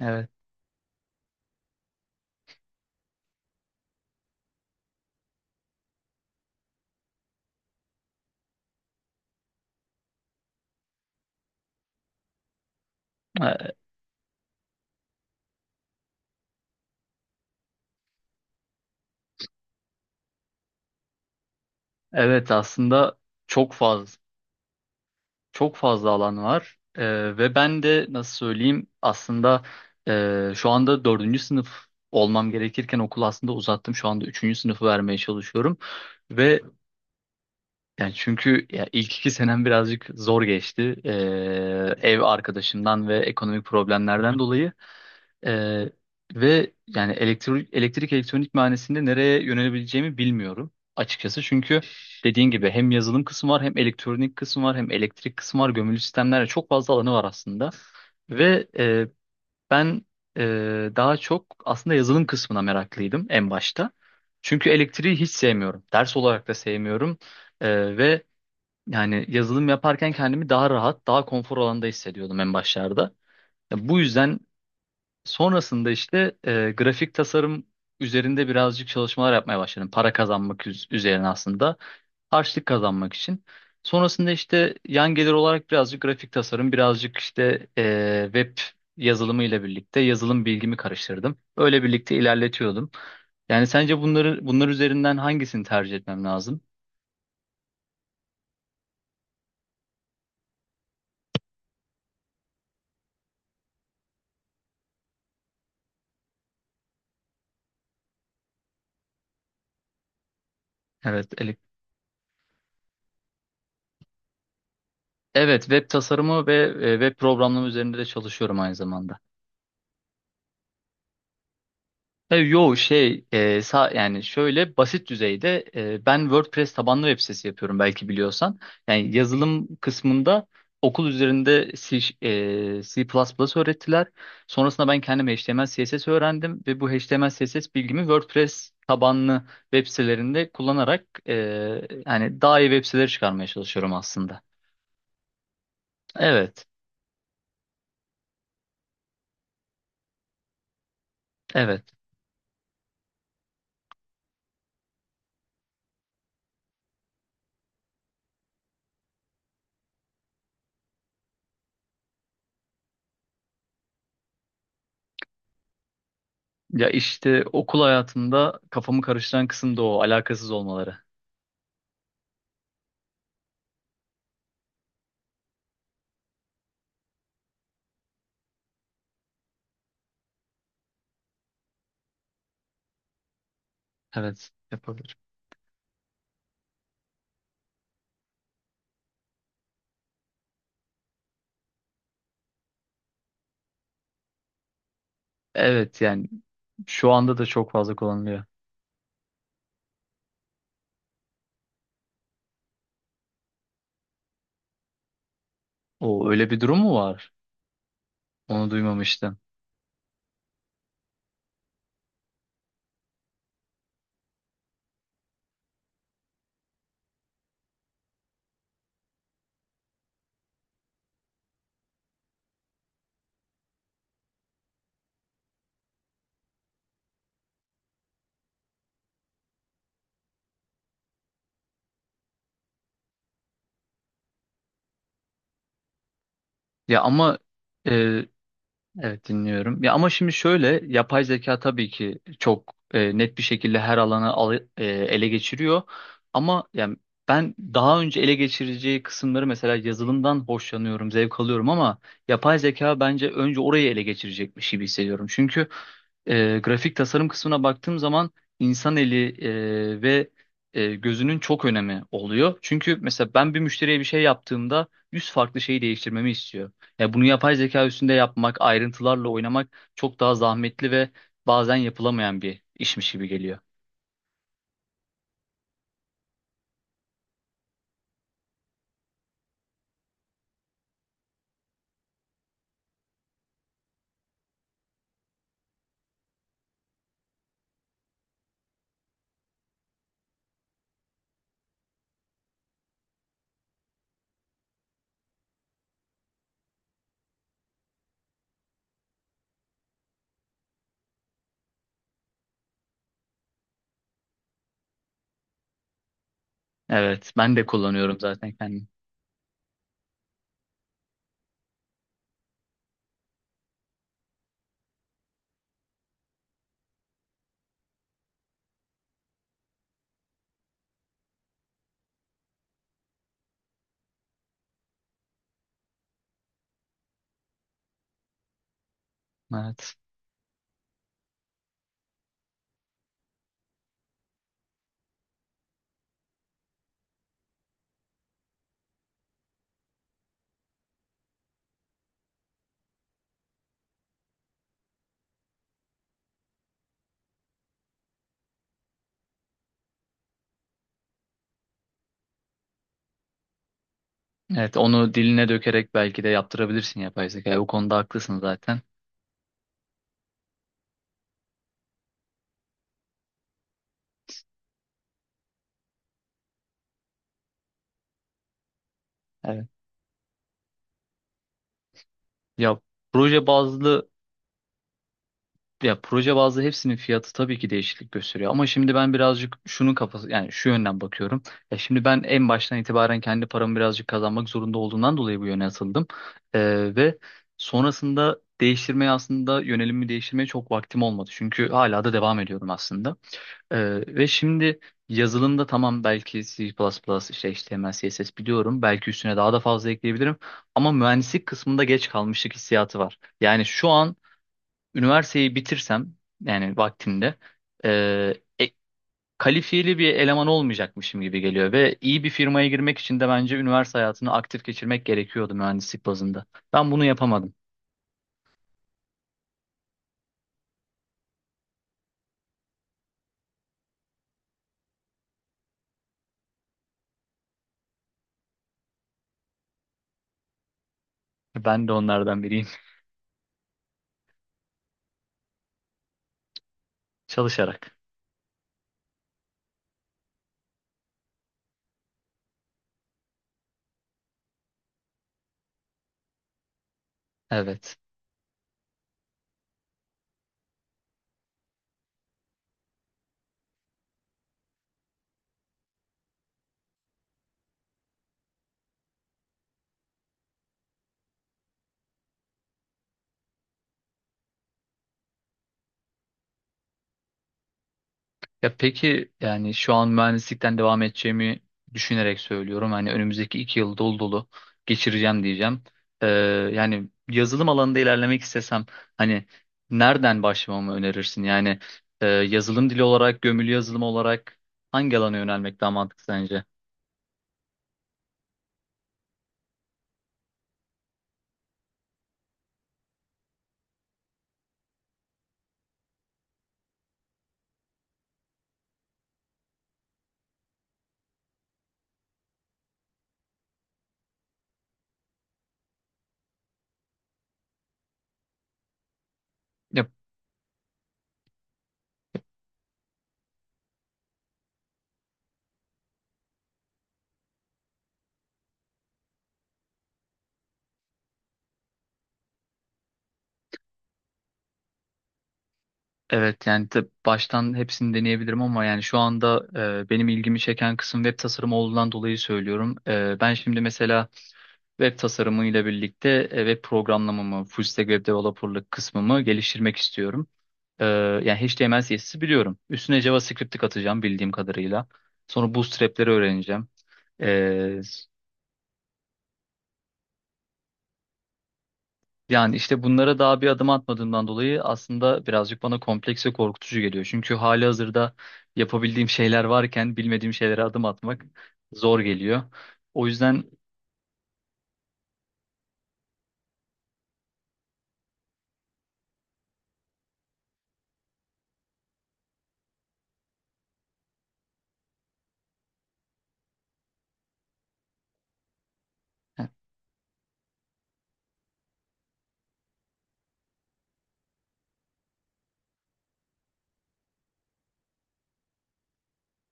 Evet. E, Evet aslında çok fazla alan var, ve ben de nasıl söyleyeyim aslında. Şu anda dördüncü sınıf olmam gerekirken okulu aslında uzattım, şu anda üçüncü sınıfı vermeye çalışıyorum ve yani çünkü ya ilk iki senem birazcık zor geçti, ev arkadaşımdan ve ekonomik problemlerden dolayı. Ee, Ve yani elektrik, elektrik elektronik mühendisliğinde nereye yönelebileceğimi bilmiyorum açıkçası. Çünkü dediğin gibi hem yazılım kısmı var, hem elektronik kısmı var, hem elektrik kısmı var. Gömülü sistemlerle çok fazla alanı var aslında. Ve ben daha çok aslında yazılım kısmına meraklıydım en başta. Çünkü elektriği hiç sevmiyorum. Ders olarak da sevmiyorum. Ve yani yazılım yaparken kendimi daha rahat, daha konfor alanda hissediyordum en başlarda. Ya bu yüzden sonrasında işte grafik tasarım üzerinde birazcık çalışmalar yapmaya başladım. Para kazanmak üzerine aslında. Harçlık kazanmak için. Sonrasında işte yan gelir olarak birazcık grafik tasarım, birazcık işte web yazılımı ile birlikte yazılım bilgimi karıştırdım. Öyle birlikte ilerletiyordum. Yani sence bunlar üzerinden hangisini tercih etmem lazım? Evet, evet, web tasarımı ve web programlama üzerinde de çalışıyorum aynı zamanda. Tabii, yo, şey, yani şöyle basit düzeyde, ben WordPress tabanlı web sitesi yapıyorum belki biliyorsan. Yani yazılım kısmında okul üzerinde C, C++ öğrettiler. Sonrasında ben kendim HTML CSS öğrendim ve bu HTML CSS bilgimi WordPress tabanlı web sitelerinde kullanarak, yani daha iyi web siteleri çıkarmaya çalışıyorum aslında. Evet, evet. Ya işte okul hayatımda kafamı karıştıran kısım da o alakasız olmaları. Evet, yapabilirim. Evet, yani şu anda da çok fazla kullanılıyor. O öyle bir durum mu var? Onu duymamıştım. Ya ama evet, dinliyorum. Ya ama şimdi şöyle, yapay zeka tabii ki çok net bir şekilde her alanı ele geçiriyor. Ama yani ben daha önce ele geçireceği kısımları, mesela yazılımdan hoşlanıyorum, zevk alıyorum ama yapay zeka bence önce orayı ele geçirecekmiş gibi hissediyorum. Çünkü grafik tasarım kısmına baktığım zaman insan eli ve gözünün çok önemi oluyor. Çünkü mesela ben bir müşteriye bir şey yaptığımda 100 farklı şeyi değiştirmemi istiyor. Ya bunu yapay zeka üstünde yapmak, ayrıntılarla oynamak çok daha zahmetli ve bazen yapılamayan bir işmiş gibi geliyor. Evet, ben de kullanıyorum zaten kendim. Evet. Evet, onu diline dökerek belki de yaptırabilirsin yapay zeka. O konuda haklısın zaten. Evet. Ya proje bazlı Ya proje bazlı hepsinin fiyatı tabii ki değişiklik gösteriyor ama şimdi ben birazcık şunun kafası, yani şu yönden bakıyorum. Ya şimdi ben en baştan itibaren kendi paramı birazcık kazanmak zorunda olduğundan dolayı bu yöne atıldım. Ve sonrasında değiştirmeye aslında yönelimimi değiştirmeye çok vaktim olmadı. Çünkü hala da devam ediyorum aslında. Ve şimdi yazılımda tamam, belki C++, işte HTML, CSS biliyorum. Belki üstüne daha da fazla ekleyebilirim. Ama mühendislik kısmında geç kalmışlık hissiyatı var. Yani şu an üniversiteyi bitirsem yani vaktinde, e, e- kalifiyeli bir eleman olmayacakmışım gibi geliyor ve iyi bir firmaya girmek için de bence üniversite hayatını aktif geçirmek gerekiyordu mühendislik bazında. Ben bunu yapamadım. Ben de onlardan biriyim. Çalışarak. Evet. Ya peki, yani şu an mühendislikten devam edeceğimi düşünerek söylüyorum. Hani önümüzdeki iki yıl dolu dolu geçireceğim diyeceğim. Ee, Yani yazılım alanında ilerlemek istesem hani nereden başlamamı önerirsin? Yani yazılım dili olarak, gömülü yazılım olarak hangi alana yönelmek daha mantıklı sence? Ya, evet yani baştan hepsini deneyebilirim ama yani şu anda benim ilgimi çeken kısım web tasarımı olduğundan dolayı söylüyorum. Ben şimdi mesela web tasarımıyla birlikte web programlamamı, full stack web developerlık kısmımı geliştirmek istiyorum. Yani HTML, CSS'i biliyorum. Üstüne JavaScript'i katacağım bildiğim kadarıyla. Sonra Bootstrap'leri öğreneceğim. Ee, Yani işte bunlara daha bir adım atmadığımdan dolayı aslında birazcık bana kompleks ve korkutucu geliyor. Çünkü hali hazırda yapabildiğim şeyler varken bilmediğim şeylere adım atmak zor geliyor. O yüzden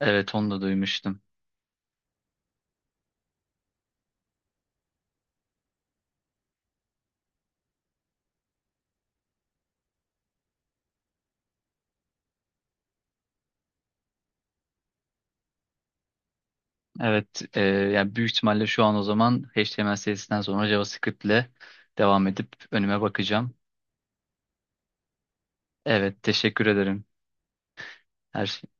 evet, onu da duymuştum. Evet, yani büyük ihtimalle şu an o zaman HTML serisinden sonra JavaScript ile devam edip önüme bakacağım. Evet, teşekkür ederim her şey